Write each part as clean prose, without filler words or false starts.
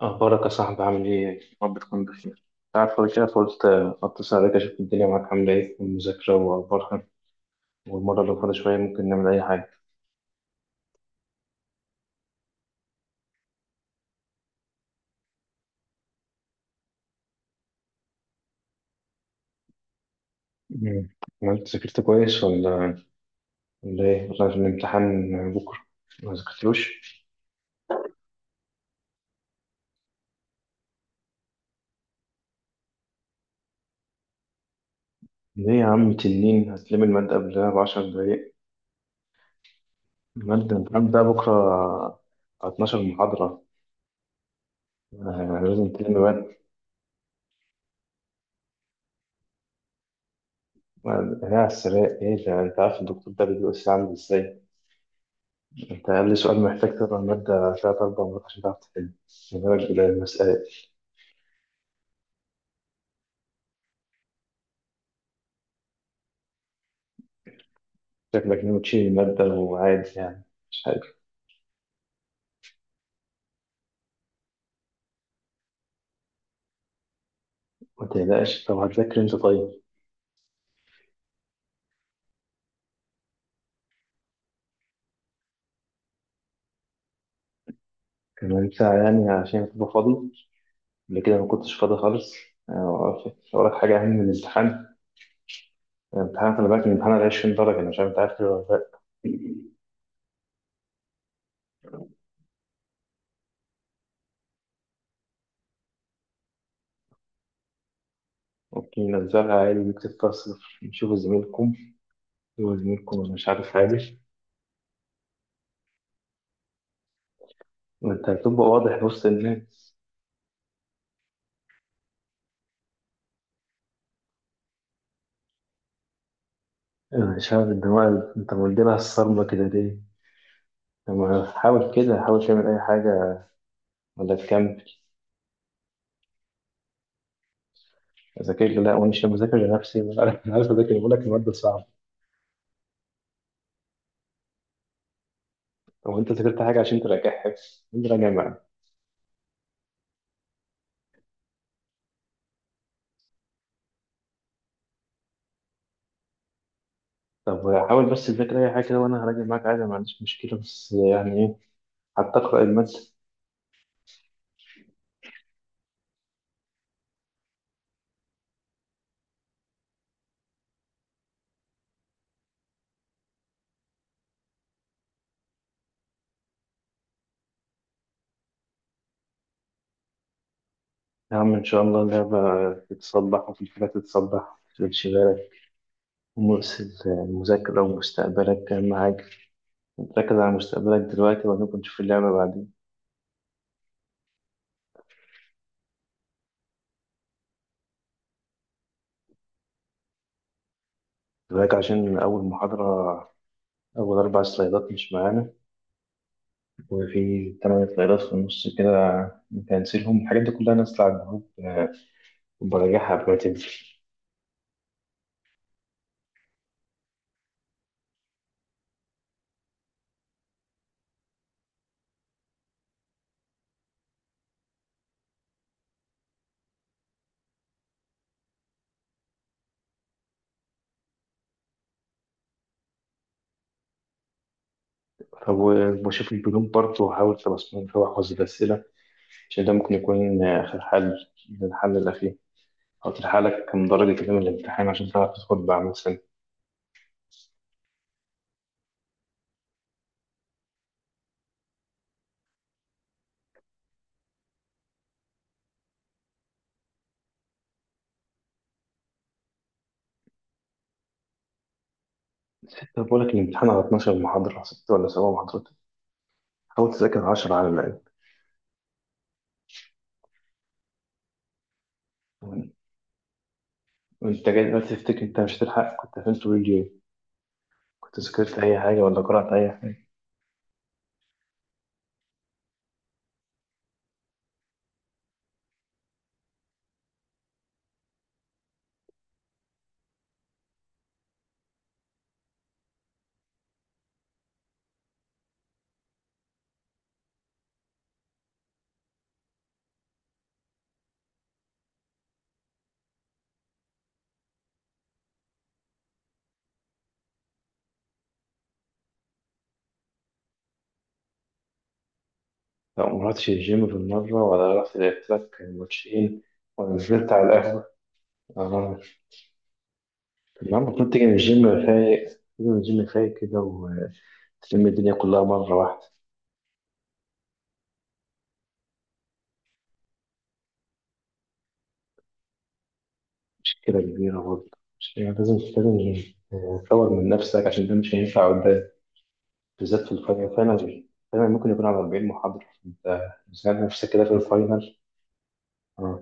أخبارك يا صاحبي عامل إيه؟ رب تكون بخير، تعرف فاضي كده فقلت أتصل عليك أشوف الدنيا معاك عاملة إيه والمذاكرة وأخبارها والمرة اللي فاضي شوية ممكن نعمل أي حاجة. مم. عملت ذاكرت كويس ولا إيه؟ ولا في الامتحان بكرة ما ذاكرتلوش؟ ليه يا عم تنين هتلم المادة قبلها بعشر دقايق؟ المادة الامتحان ده بكرة على 12 محاضرة. آه، لازم تلم المادة. هي على السراق إيه ده؟ أنت عارف الدكتور ده بيجي الساعة عامل إزاي؟ انت قبل سؤال محتاج تقرا المادة تلات أربع مرات عشان تعرف تحل، ما بالك بالمسألة. شكلك ناوي تشيل المادة وعادي يعني، مش حاجة. ما تقلقش، طب هتذاكر انت طيب؟ كمان ساعة يعني عشان تبقى فاضي، قبل كده ما كنتش فاضي خالص. آه، وراك وراك حاجة أهم من الامتحان. الامتحان خلي بالك، الامتحان على 20 درجة، أنا مش عارف أنت عارف كده ولا لأ. ممكن ننزلها عادي ونكتب فيها صفر، نشوف زميلكم. هو زميلكم، أنا مش عارف، عادي. وأنت هتبقى واضح، بص إن مش عارف الدماغ اللي انت مديلها الصدمة كده ليه؟ لما حاول كده، حاول تعمل أي حاجة ولا تكمل. أذاكر لي؟ لا، وأنا مش بذاكر لنفسي؟ أنا عارف، أنا عارف أذاكر، بقول لك المادة صعبة. طب وأنت ذاكرت حاجة عشان تراجع حفظ أنت؟ راجع معايا. طب حاول بس تذاكر أي حاجة كده وأنا هراجع معاك عادي، ما عنديش مشكلة، بس يعني إيه، حتى أقرأ المادة. يا عم إن شاء الله اللعبة تتصلح، وفي الحاجات تتصلح، تمشي بالك. ومؤسس المذاكرة ومستقبلك أهم حاجة. ركز على مستقبلك دلوقتي وبعدين نشوف اللعبة بعدين. دلوقتي عشان أول محاضرة، أول أربع سلايدات مش معانا، وفي تمن سلايدات في النص كده بنسيلهم. الحاجات دي كلها نازلة على الجروب آه، وبراجعها قبل ما تنزل. طب وبشوف البنوك برضه، وأحاول تبصمهم فيها وأحفظ الأسئلة، عشان ده ممكن يكون آه، آخر حل، الحل الأخير. أو تلحق لك كم درجة كده من الامتحان عشان تعرف تدخل بقى مثلا. طب بقول لك الامتحان على 12 محاضرة، ست ولا سبع محاضرات، حاول تذاكر 10 على الأقل. وأنت جاي دلوقتي تفتكر أنت مش هتلحق؟ كنت فين طول اليوم؟ كنت ذاكرت أي حاجة ولا قرأت أي حاجة؟ لا، ما رحتش الجيم بالمرة ولا رحت لعبت لك ماتشين ولا نزلت على القهوة؟ آه. لما كنت تيجي من الجيم فايق، تيجي من الجيم فايق كده وتلم الدنيا كلها مرة واحدة. مشكلة كبيرة برضه، مش يعني لازم لازم، تطور من نفسك عشان ده مش هينفع قدام. بالذات في الفاينل، فاينل ممكن يكون على 40 محاضرة، انت بتساعد نفسك كده في الفاينل. اه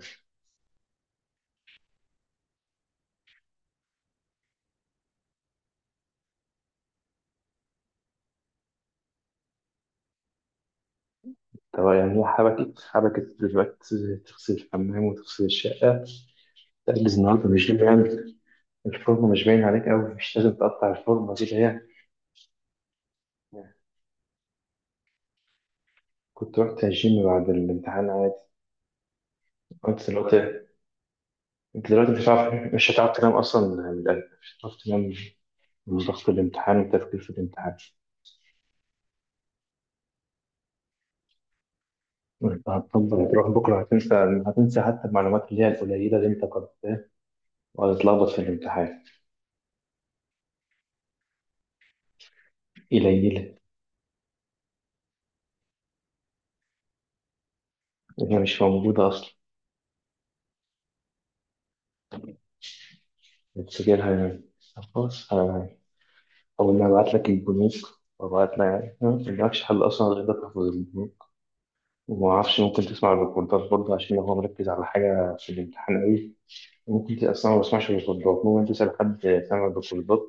طب يعني هي حبكت حبكت دلوقتي تغسل الحمام وتغسل الشقة، تجهز النهاردة من الجيم يعني؟ الفورمة مش باين عليك أوي، مش لازم تقطع الفورمة دي اللي هي، كنت رحت الجيم بعد الامتحان عادي، قلت دلوقتي. أنت دلوقتي مش هتعرف، تنام أصلا من القلب، مش هتعرف تنام من ضغط الامتحان والتفكير في الامتحان. وأنت هتطبق، هتروح بكرة هتنسى، حتى المعلومات اللي هي القليلة اللي أنت كنت، وهتتلخبط في الامتحان. قليلة، هي مش موجودة أصلا، بتسجلها يعني. طب خلاص، أول ما أبعت لك البنوك وأبعت لك، يعني ما عندكش حل أصلا غير إنك تحفظ. وما اعرفش، ممكن تسمع الريكوردات برضه عشان لو هو مركز على حاجه في الامتحان قوي. ممكن تبقى أصلاً ما بسمعش الريكوردات، ممكن تسال حد سامع الريكوردات،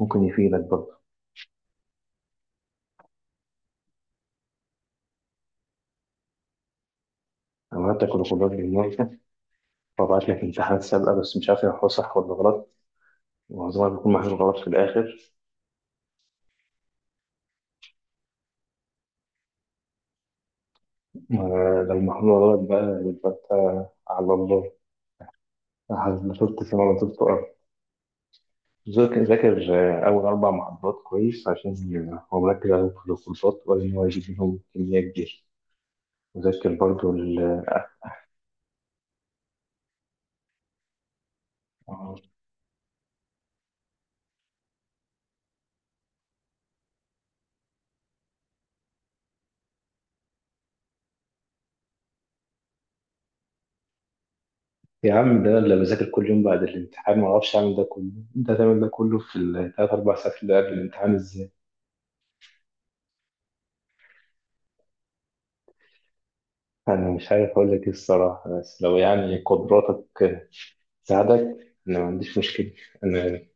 ممكن يفيدك برضه. انا عملت الريكوردات بالمره، وبعت لك امتحانات سابقه بس مش عارف هو صح ولا غلط، معظمها بيكون محلول غلط في الاخر. لو محلول غلط بقى يبقى انت على الله، ما طلبت سما ما طلبت ارض. ذاكر ذاكر اول اربع محاضرات كويس، عشان هو مركز عليهم في الكورسات وقال ان هو يجيب منهم كميه كبيره. وذاكر برضو. يا عم ده اللي بذاكر كل يوم بعد الامتحان ما اعرفش اعمل ده كله، انت هتعمل ده كله في الثلاث اربع ساعات اللي قبل الامتحان ازاي؟ انا مش عارف اقول لك ايه الصراحه، بس لو يعني قدراتك تساعدك، انا ما عنديش مشكله. انا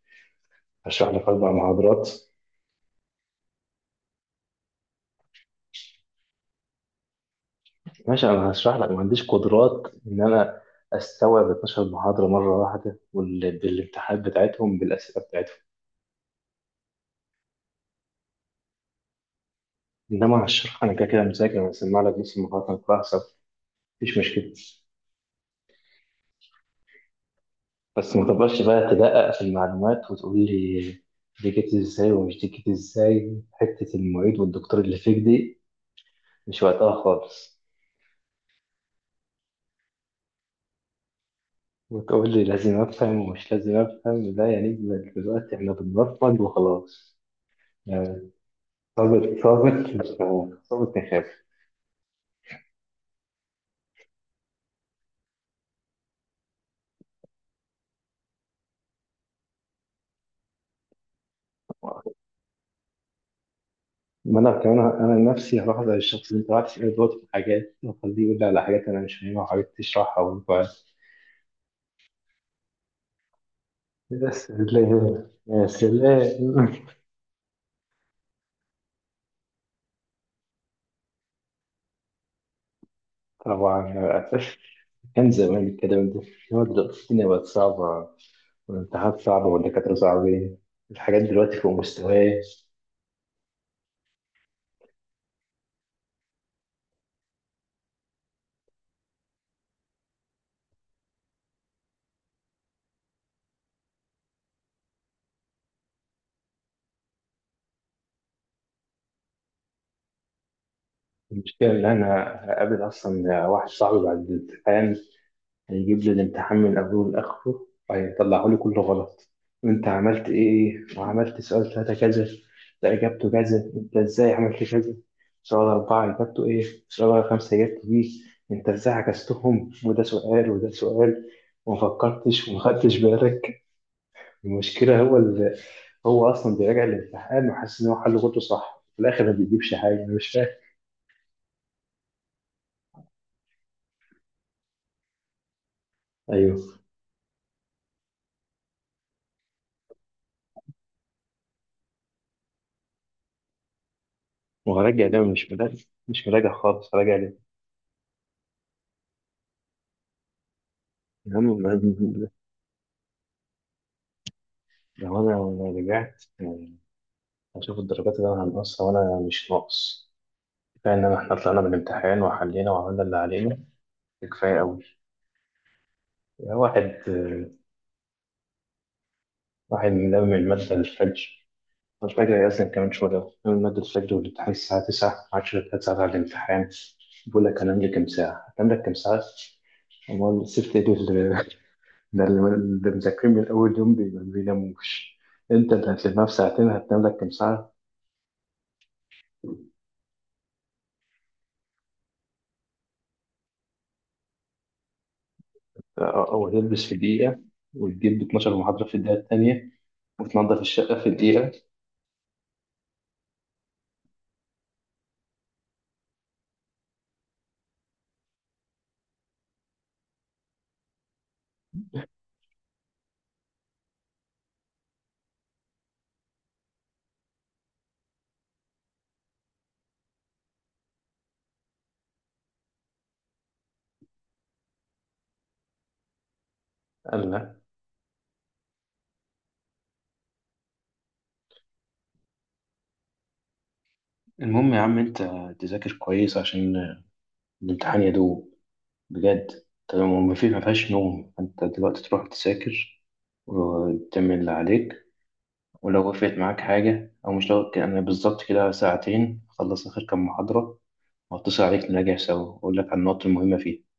هشرح لك اربع محاضرات. ماشي انا هشرح لك، ما عنديش قدرات ان انا استوعب 12 محاضره مره واحده بالامتحانات بتاعتهم بالاسئله بتاعتهم. انما هشرح، انا كده كده مذاكر، انا هسمع لك نص المحاضره هتلاحظ، مفيش مشكله. بس ما تقدرش بقى تدقق في المعلومات وتقول لي دي جت ازاي ومش دي جت ازاي، حتة المعيد والدكتور اللي فيك دي مش وقتها خالص. وتقول لي لازم افهم ومش لازم افهم، لا يعني، دلوقتي احنا بنبرمج وخلاص. يعني صابت صابت مش مهم. صابت نخاف. ما انا كمان انا نفسي هروح على الشخص اللي انت قاعد تسأله دلوقتي في حاجات وخليه يقول لي على حاجات انا مش فاهمها، وحاجات تشرحها وينفع. يا سلام يا سلام. طبعا، كان زمان الكلام ده. هو دلوقتي الدنيا بقت صعبة، والامتحانات صعبة والدكاترة صعبين. الحاجات دلوقتي فوق مستواي. المشكلة إن أنا هقابل أصلا واحد صاحبي بعد الامتحان هيجيب لي الامتحان من أوله لآخره وهيطلعه لي كله غلط. وأنت عملت إيه وعملت سؤال ثلاثة كذا، ده إجابته كذا، أنت إزاي عملت كذا، سؤال أربعة إجابته إيه، سؤال خمسة إجابته دي، أنت إزاي عكستهم، وده سؤال وده سؤال، وما فكرتش وما خدتش بالك. المشكلة هو هو أصلا بيراجع الامتحان وحاسس إن هو حل غلطه صح، في الآخر ما بيجيبش حاجة، أنا مش فاهم. أيوه، ما هو راجع ده مش مراجع، مش مراجع خالص، راجع ليه؟ يا عم لو أنا لو رجعت يعني هشوف الدرجات اللي أنا هنقصها وأنا مش ناقص. كفاية إن إحنا طلعنا من الامتحان وحلينا وعملنا اللي علينا، ده كفاية أوي. يعني واحد آه، واحد ملم المادة للفجر، مش فاكر هيأذن كمان شوية من مادة الفجر، والامتحان الساعة 9 10، هتسأل على الامتحان بقول لك هنام لي كام ساعة، هتنام لك كام ساعة؟ أمال سبت إيه ده اللي مذاكرين من أول يوم ما بيناموش، أنت اللي هتلمها في ساعتين هتنام لك كام ساعة؟ أو هتلبس في دقيقة وتجيب 12 محاضرة في الدقيقة التانية وتنظف الشقة في دقيقة. قال لا. المهم يا عم أنت تذاكر كويس عشان الامتحان يدوب بجد. طب ما في، ما فيهاش نوم، انت دلوقتي تروح تذاكر وتعمل اللي عليك. ولو وقفت معاك حاجة، أو مش لو يعني، بالظبط كده ساعتين أخلص آخر كام محاضرة وأتصل عليك نراجع سوا، وأقول لك على النقط المهمة فيها.